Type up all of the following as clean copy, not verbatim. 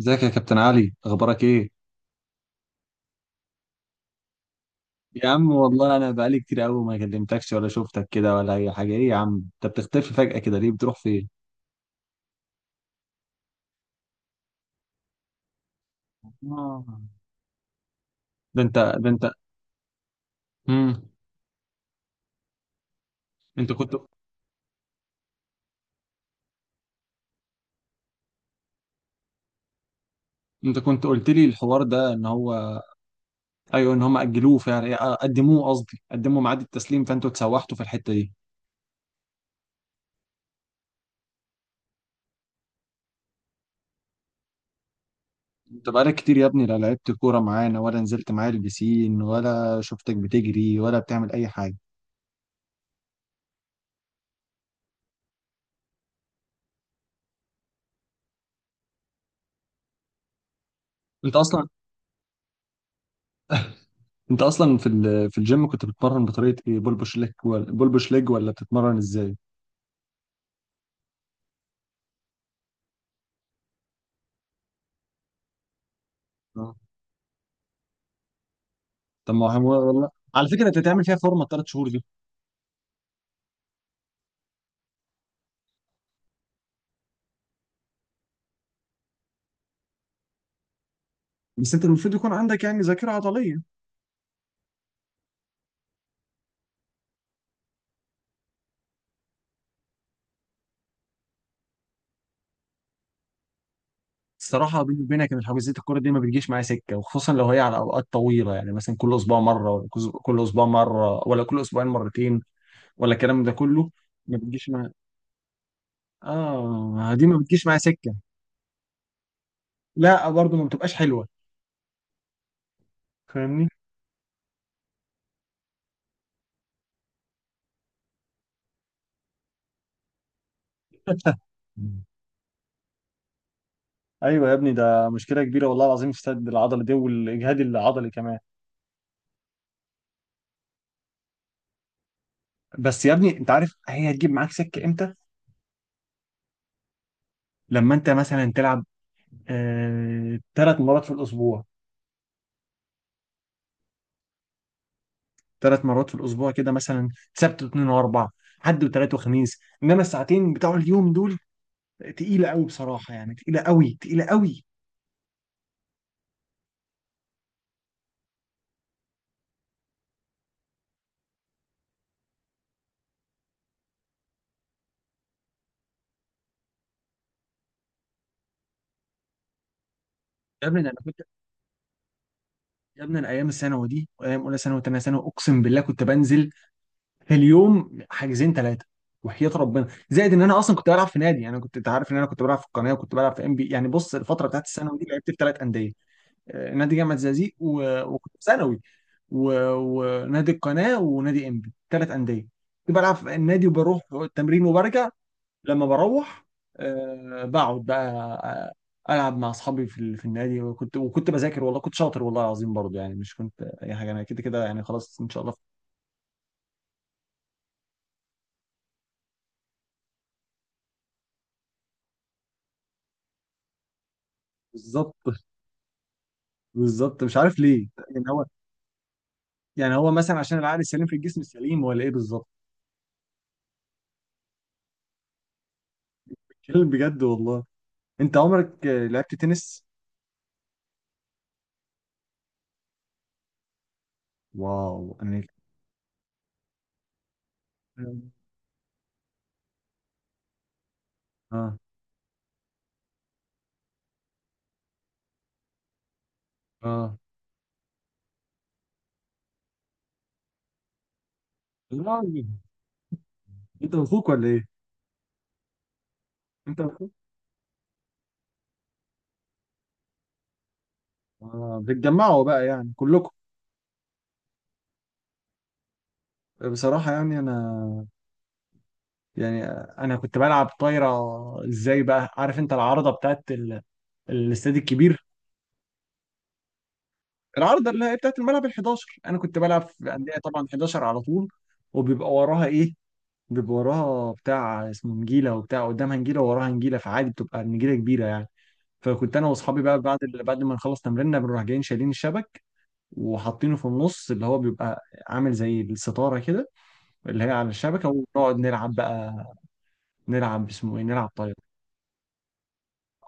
ازيك يا كابتن علي، اخبارك ايه؟ يا عم والله انا بقالي كتير قوي ما كلمتكش ولا شفتك كده ولا اي حاجه. ايه يا عم انت بتختفي فجأة كده ليه؟ بتروح فين؟ آه. ده انت ده انت. امم انت كنت انت كنت قلت لي الحوار ده ان هو... ايوه ان هم اجلوه فعلا، إيه، قدموه، قصدي قدموا ميعاد التسليم، فانتوا اتسوحتوا في الحته دي. انت بقالك كتير يا ابني، لا لعبت كوره معانا ولا نزلت معايا البسين ولا شفتك بتجري ولا بتعمل اي حاجه. انت اصلا انت اصلا في في الجيم كنت بتتمرن بطريقه ايه؟ بول بوش ليج ولا بول بوش ليج، ولا بتتمرن ازاي؟ آه. طب ما هو والله، على فكره انت تعمل فيها فورمه الثلاث شهور دي. بس انت المفروض يكون عندك يعني ذاكره عضليه. الصراحه بيني وبينك ان حجوزات الكوره دي ما بتجيش معايا سكه، وخصوصا لو هي على اوقات طويله، يعني مثلا كل اسبوع مره ولا كل اسبوع مره ولا كل اسبوعين مرتين ولا الكلام ده كله. ما بتجيش معايا. اه دي ما بتجيش معايا سكه. لا برضه ما بتبقاش حلوه، فاهمني؟ ايوه يا ابني، ده مشكله كبيره والله العظيم، في السد العضلي دي والاجهاد العضلي كمان. بس يا ابني انت عارف هي هتجيب معاك سكه امتى؟ لما انت مثلا تلعب آه... ثلاث مرات في الاسبوع 3 مرات في الاسبوع كده مثلا، سبت واثنين واربعه، حد وثلاث وخميس، انما الساعتين بتوع اليوم دول تقيله قوي بصراحه، يعني تقيله قوي تقيله قوي. يا ابني ده انا كنت يا ابني انا ايام الثانوي دي وايام اولى ثانوي وثانيه ثانوي اقسم بالله كنت بنزل في اليوم حاجزين 3. وحياة ربنا، زائد ان انا اصلا كنت بلعب في نادي، يعني أنا كنت، انت عارف ان انا كنت بلعب في القناه وكنت بلعب في ام بي، يعني بص الفتره بتاعت الثانوي دي لعبت في 3 انديه. نادي جامعه زقازيق وكنت في ثانوي، ونادي القناه ونادي ام بي، 3 انديه. كنت بلعب في النادي وبروح التمرين وبرجع. لما بروح، بقعد بقى، العب مع اصحابي في في النادي، وكنت بذاكر، والله كنت شاطر والله العظيم برضه، يعني مش كنت اي حاجه انا كده كده يعني، خلاص ان شاء الله. بالظبط، بالظبط، مش عارف ليه يعني هو مثلا عشان العقل السليم في الجسم السليم، ولا ايه بالظبط؟ بتكلم بجد والله. انت عمرك لعبت تنس؟ واو، انا، اه اه لا، انت واخوك ولا ايه؟ انت واخوك؟ اه بتجمعوا بقى يعني كلكم. بصراحة يعني انا يعني انا كنت بلعب طايرة. ازاي بقى عارف انت العارضة بتاعت الاستاد الكبير، العارضة اللي هي بتاعت الملعب ال 11؟ انا كنت بلعب في اندية طبعا 11 على طول. وبيبقى وراها ايه؟ بيبقى وراها بتاع اسمه نجيله، وبتاع قدامها نجيله ووراها نجيله، فعادي بتبقى النجيله كبيره يعني. فكنت انا واصحابي بقى بعد بعد ما نخلص تمريننا بنروح جايين شايلين الشبك وحاطينه في النص، اللي هو بيبقى عامل زي الستاره كده، اللي هي على الشبكه، ونقعد نلعب بقى. نلعب اسمه ايه؟ نلعب طايره.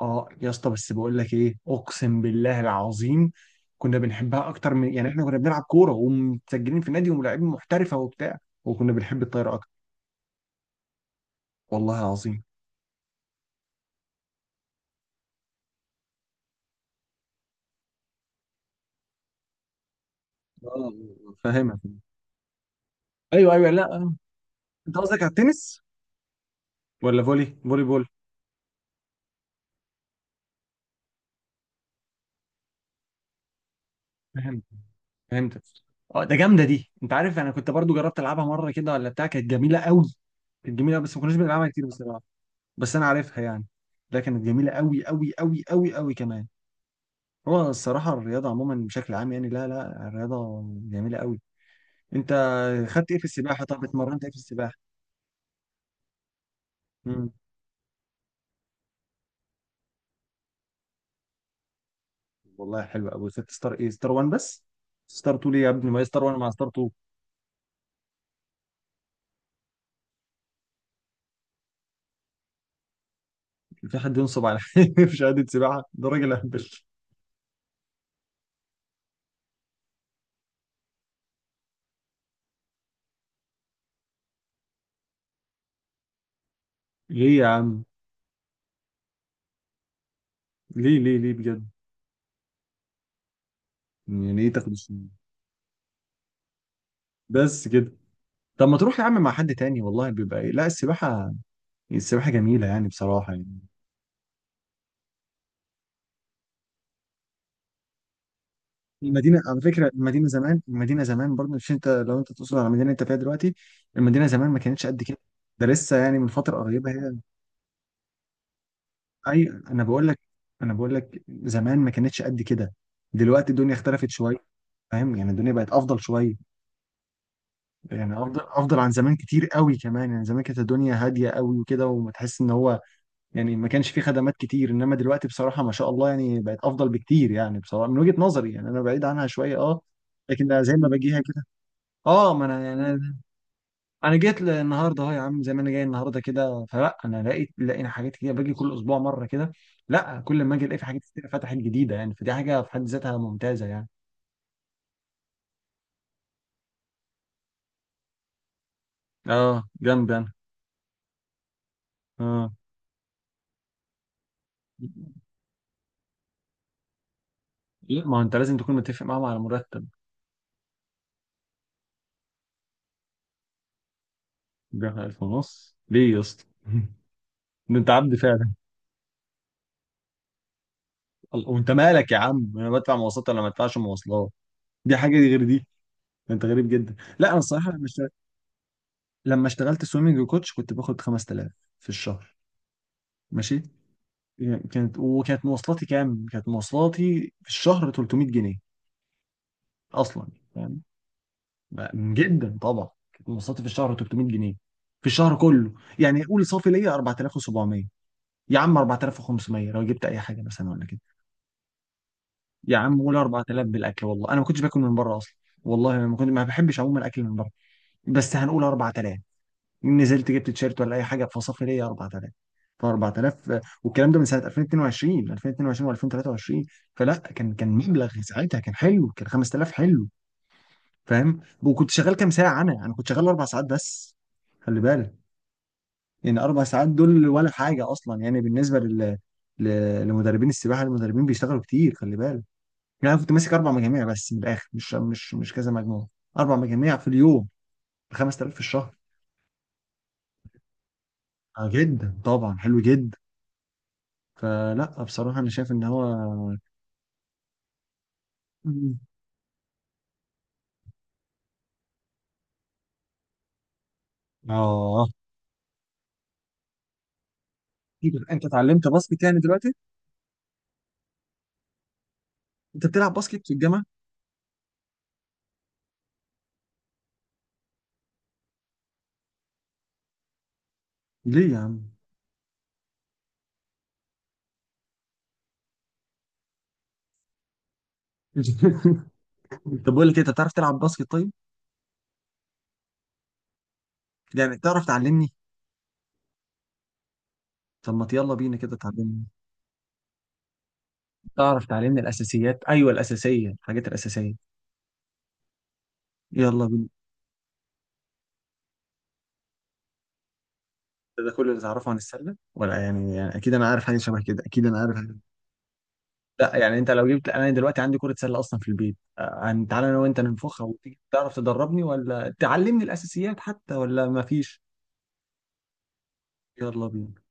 اه يا اسطى، بس بقول لك ايه، اقسم بالله العظيم كنا بنحبها اكتر من، يعني احنا كنا بنلعب كوره ومتسجلين في نادي وملاعبين محترفه وبتاع، وكنا بنحب الطايره اكتر. والله العظيم. اه، فاهمك. ايوه ايوه، لا، انت قصدك على التنس ولا فولي؟ فولي بول. فهمت، فهمتك. اه ده جامده دي، انت عارف انا كنت برضو جربت العبها مره كده ولا بتاع، كانت جميله قوي. كانت جميله بس ما كناش بنلعبها كتير بصراحه، بس انا عارفها يعني. لا كانت جميله قوي قوي قوي قوي قوي كمان. هو الصراحه الرياضه عموما بشكل عام يعني، لا لا الرياضه جميله قوي. انت خدت ايه في السباحه؟ طب اتمرنت ايه في السباحه؟ امم والله حلو قوي. خدت ستار ايه؟ ستار 1 بس؟ ستار 2 ليه يا ابني؟ ما هي ستار 1 مع ستار 2. في حد ينصب على في شهاده سباحه؟ ده راجل اهبل. ليه يا عم؟ ليه ليه ليه بجد؟ يعني ايه تاخد الشهادة؟ بس كده؟ طب ما تروح يا عم مع حد تاني، والله بيبقى إيه. لا، السباحة، السباحة جميلة يعني بصراحة يعني. المدينة على فكرة، المدينة زمان، المدينة زمان برضه مش، انت لو انت تقصد على المدينة اللي انت فيها دلوقتي، المدينة زمان ما كانتش قد كده، ده لسه يعني من فترة قريبة هي. اي انا بقول لك، زمان ما كانتش قد كده. دلوقتي الدنيا اختلفت شوية، فاهم؟ يعني الدنيا بقت افضل شوية، يعني افضل، افضل عن زمان كتير قوي كمان، يعني زمان كانت الدنيا هادية قوي وكده، وما تحس ان هو، يعني ما كانش فيه خدمات كتير، انما دلوقتي بصراحة ما شاء الله يعني بقت افضل بكتير يعني، بصراحة من وجهة نظري يعني انا بعيد عنها شوية اه. لكن زي ما باجيها كده، اه، ما انا يعني انا أنا جيت النهارده اهو، يا عم زي ما انا جاي النهارده كده، فلا انا لقيت، لقينا حاجات كتير باجي كل اسبوع مرة كده. لا، كل ما اجي الاقي في حاجات كتير فتحت جديدة، يعني فدي حاجة في حد ذاتها ممتازة يعني. اه جنبي انا. اه، لا ما هو انت لازم تكون متفق معاهم على مرتب. بياخد 1000 ونص ليه يا اسطى؟ ده انت عبد فعلا. الله- وانت مالك يا عم؟ انا بدفع مواصلات ولا ما بدفعش مواصلات؟ دي حاجه، دي غير دي. انت غريب جدا. لا انا الصراحه لما لما اشتغلت سويمنج كوتش كنت باخد 5000 في الشهر، ماشي. يعني وكانت مواصلاتي كام؟ كانت مواصلاتي في الشهر 300 جنيه اصلا، يعني جدا طبعا. كانت مواصلاتي في الشهر 300 جنيه في الشهر كله، يعني قول صافي ليا 4700، يا عم 4500 لو جبت اي حاجه مثلا ولا كده، يا عم قول 4000 بالاكل. والله انا ما كنتش باكل من بره اصلا، والله ما كنت ما بحبش عموما الاكل من بره، بس هنقول 4000. نزلت جبت تيشيرت ولا اي حاجه، فصافي ليا 4000. ف 4000 والكلام ده من سنه 2022، و2023، فلا كان، مبلغ ساعتها كان حلو، كان 5000 حلو. فاهم؟ وكنت شغال كام ساعه؟ انا كنت شغال 4 ساعات بس، خلي بالك. يعني 4 ساعات دول ولا حاجه اصلا، يعني بالنسبه لل لمدربين السباحه، المدربين بيشتغلوا كتير خلي بالك. يعني انا كنت ماسك 4 مجاميع بس من الاخر، مش كذا مجموعه، 4 مجاميع في اليوم ب 5000 في الشهر. آه جدا طبعا حلو جدا. فلا بصراحة أنا شايف إن هو، مم. آه، إيه ده؟ أنت اتعلمت باسكت يعني دلوقتي؟ أنت بتلعب باسكت في الجامعة؟ ليه يا عم؟ طب بقول لك إيه، أنت بتعرف تلعب باسكت طيب؟ يعني تعرف تعلمني؟ طب ما يلا بينا كده تعلمني. تعرف تعلمني الأساسيات؟ أيوه الأساسية، الحاجات الأساسية. يلا بينا. ده كل اللي تعرفه عن السلة، ولا يعني، يعني أكيد أنا عارف حاجة شبه كده، أكيد أنا عارف. لا يعني انت لو جبت، انا دلوقتي عندي كرة سلة اصلا في البيت، تعالى انا وانت ننفخها، وتيجي تعرف تدربني ولا تعلمني الاساسيات حتى ولا مفيش؟ يلا بينا.